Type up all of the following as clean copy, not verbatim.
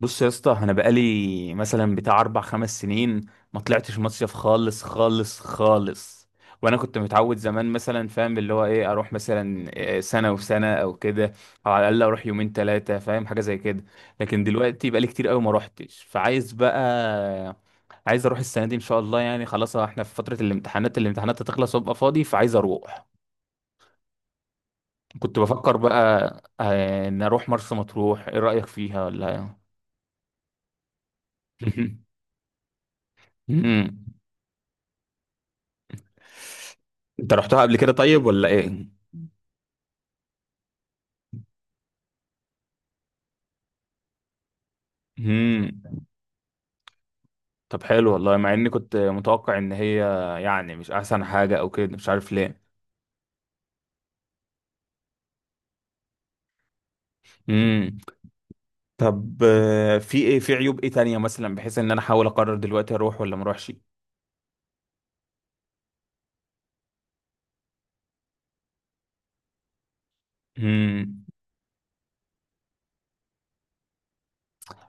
بص يا اسطى، انا بقالي مثلا بتاع 4 5 سنين ما طلعتش مصيف خالص خالص خالص. وانا كنت متعود زمان مثلا، فاهم اللي هو ايه، اروح مثلا سنه وسنه او كده، او على الاقل اروح 2 3 ايام، فاهم حاجه زي كده. لكن دلوقتي بقالي كتير قوي ما روحتش، فعايز بقى عايز اروح السنه دي ان شاء الله. يعني خلاص، احنا في فتره الامتحانات، الامتحانات هتخلص وابقى فاضي فعايز اروح. كنت بفكر بقى ان اروح مرسى مطروح. ايه رايك فيها ولا؟ مم. انت رحتها قبل كده طيب ولا ايه؟ امم. طب حلو والله، مع اني كنت متوقع ان هي يعني مش احسن حاجة او كده، مش عارف ليه. امم. طب، في ايه؟ في عيوب ايه تانية مثلا، بحيث ان انا احاول اقرر دلوقتي اروح ولا ما اروحش؟ امم.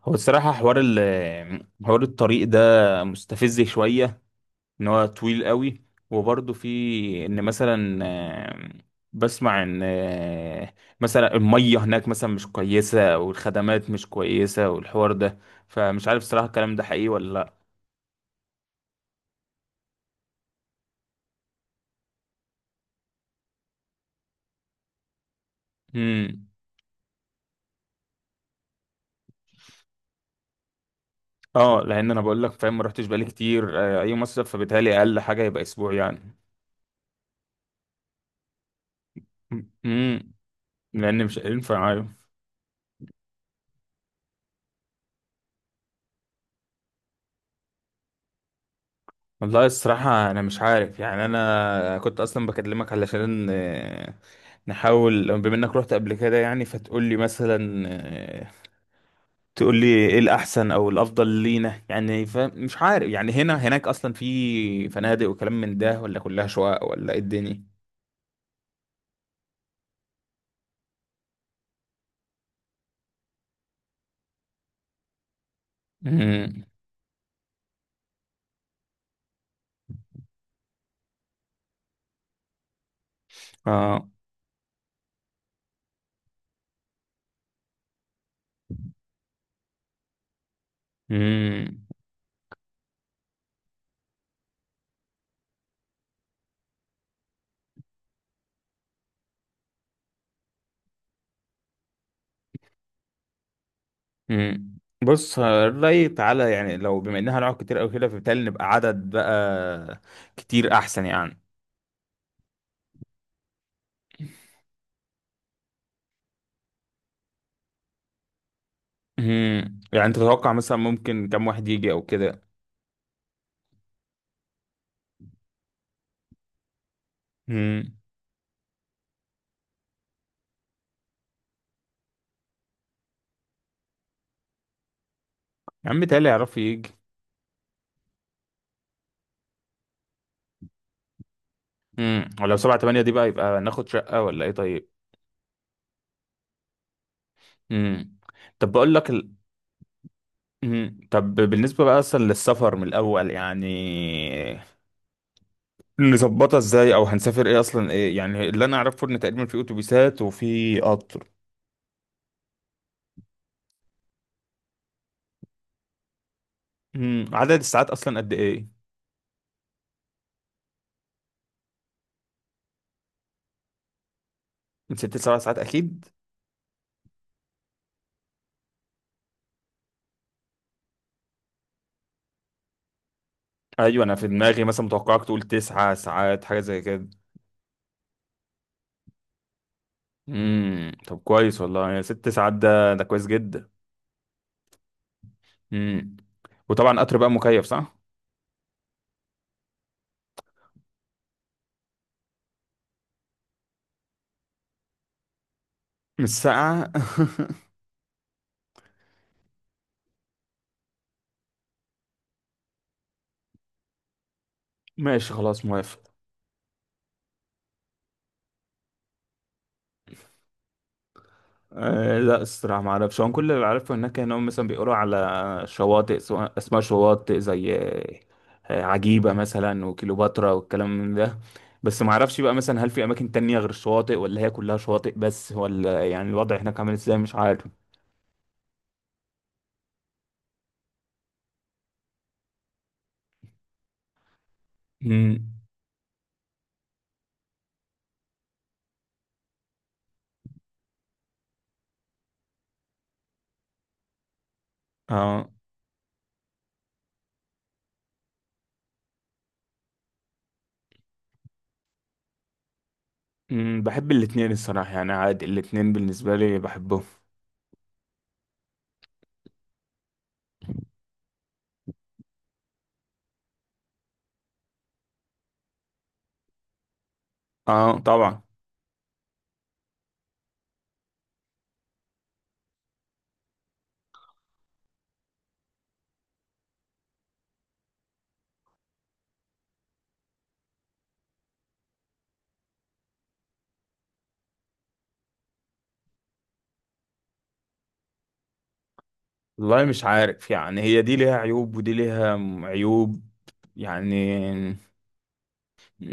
هو الصراحة حوار الطريق ده مستفز شوية، ان هو طويل قوي. وبرضه في، ان مثلا بسمع ان مثلا المية هناك مثلا مش كويسة، والخدمات مش كويسة، والحوار ده. فمش عارف صراحة الكلام ده حقيقي ولا لا. امم. اه، لان انا بقول لك، فاهم، ما رحتش بقالي كتير اي مصيف، فبالتالي اقل حاجة يبقى اسبوع يعني. امم. لان مش هينفع، أيوه. والله الصراحة أنا مش عارف يعني. أنا كنت أصلا بكلمك علشان نحاول بما إنك رحت قبل كده يعني، فتقول لي مثلا آه، تقول لي إيه الأحسن أو الأفضل لينا يعني. فمش عارف يعني، هنا هناك أصلا في فنادق وكلام من ده، ولا كلها شقق، ولا إيه الدنيا؟ مم. آه. مم. مم. بص، الرأي تعالى يعني، لو بما إنها هنقعد كتير أو كده، فبالتالي نبقى عدد بقى كتير أحسن يعني. مم. يعني انت تتوقع مثلا ممكن كم واحد يجي او كده؟ مم. يا عم تالي يعرفوا يجي. مم. ولو 7 8 دي بقى، يبقى ناخد شقة ولا ايه طيب؟ مم. طب بقول لك مم. طب، بالنسبة بقى اصلا للسفر من الاول يعني، نظبطها ازاي؟ او هنسافر ايه اصلا؟ ايه يعني اللي انا اعرفه، ان تقريبا في اتوبيسات وفي قطر. مم. عدد الساعات اصلا قد ايه؟ من ست لسبع ساعات اكيد. ايوه، انا في دماغي مثلا متوقعك تقول 9 ساعات حاجة زي كده. امم. طب كويس والله، يعني 6 ساعات ده كويس جدا. امم. وطبعا قطر بقى مكيف صح؟ مش ساقعة. ماشي، خلاص موافق. أه لا الصراحة ما اعرفش. هو كل اللي عارفه هناك، انهم مثلا بيقولوا على شواطئ، اسماء شواطئ زي عجيبة مثلا، وكليوباترا، والكلام من ده. بس ما اعرفش بقى مثلا، هل في اماكن تانية غير الشواطئ، ولا هي كلها شواطئ بس، ولا يعني الوضع هناك عامل ازاي؟ مش عارف. امم. اه. امم. بحب الاتنين الصراحة، يعني عادي، الاتنين بالنسبة لي بحبهم. اه طبعا. والله مش عارف يعني، هي دي ليها عيوب، ودي ليها عيوب يعني.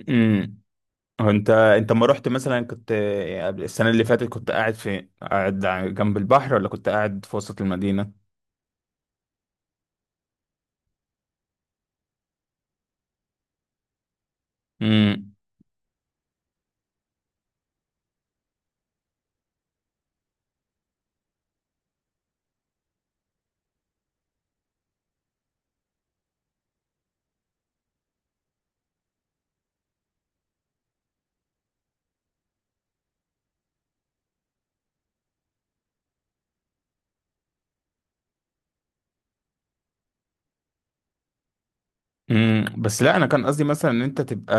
امم. هو انت، ما رحت مثلا، كنت السنة اللي فاتت، كنت قاعد فين؟ قاعد جنب البحر، ولا كنت قاعد في وسط المدينة؟ امم. امم. بس لا، انا كان قصدي مثلا ان انت تبقى،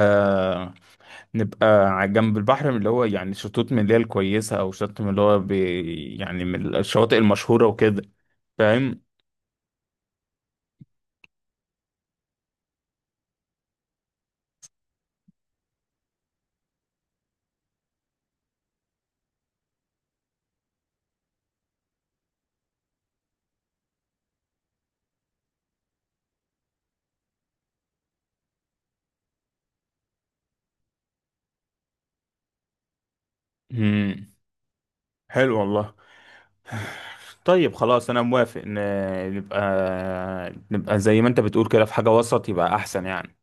نبقى على جنب البحر، من اللي هو يعني شطوط من اللي هي الكويسة، او شط من اللي هو بي، يعني من الشواطئ المشهورة وكده. فاهم؟ مم. حلو والله. طيب خلاص انا موافق، نبقى، زي ما انت بتقول كده، في حاجة وسط يبقى احسن يعني.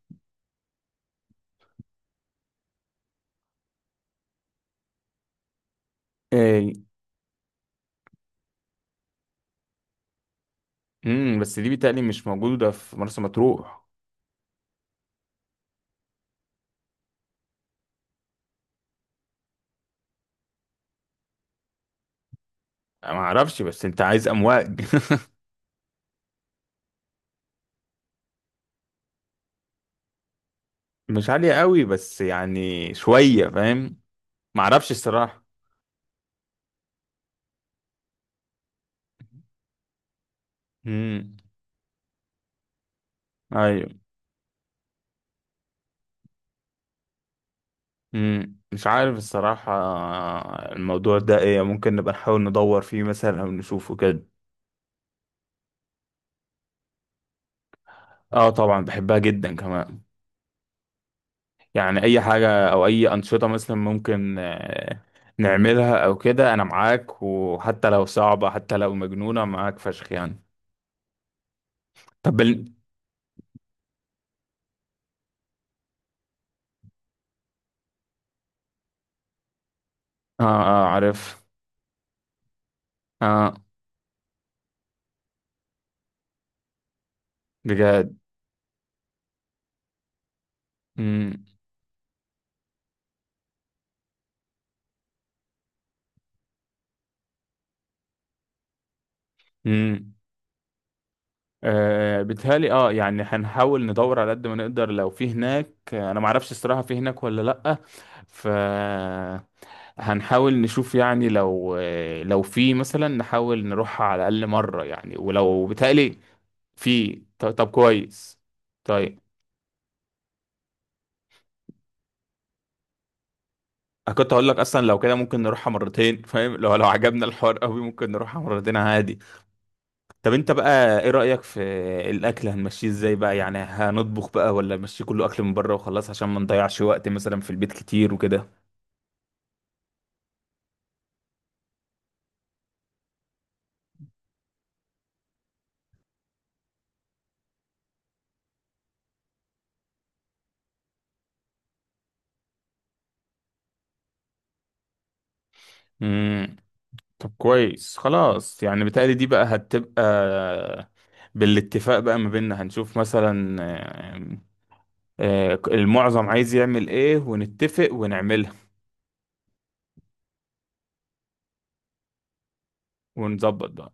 إيه. مم. بس دي بيتهيألي مش موجودة في مرسى مطروح. ما اعرفش، بس انت عايز امواج؟ مش عالية قوي، بس يعني شوية، فاهم؟ ما اعرفش الصراحة. امم. ايوه. امم. مش عارف الصراحة الموضوع ده ايه. ممكن نبقى نحاول ندور فيه مثلا، او نشوفه كده. اه طبعا، بحبها جدا كمان. يعني اي حاجة او اي انشطة مثلا ممكن نعملها او كده، انا معاك. وحتى لو صعبة، حتى لو مجنونة، معاك فشخ يعني. طب اه اه عارف. اه. بجد. امم. امم. آه بيتهيألي اه، يعني هنحاول ندور على قد ما نقدر، لو في هناك. انا معرفش الصراحة في هناك ولا لأ. ف هنحاول نشوف يعني، لو لو في مثلا نحاول نروح على الأقل مرة يعني، ولو بيتهيألي في طب كويس. طيب انا كنت هقول لك اصلا، لو كده ممكن نروحها مرتين، فاهم؟ لو عجبنا الحوار قوي ممكن نروحها مرتين عادي. طب انت بقى ايه رأيك في الاكل؟ هنمشيه ازاي بقى يعني؟ هنطبخ بقى، ولا نمشيه كله اكل من بره وخلاص، عشان ما نضيعش وقت مثلا في البيت كتير وكده؟ امم. طب كويس خلاص. يعني بتهيألي دي بقى هتبقى بالاتفاق بقى ما بيننا. هنشوف مثلا المعظم عايز يعمل ايه، ونتفق ونعملها. ونظبط بقى.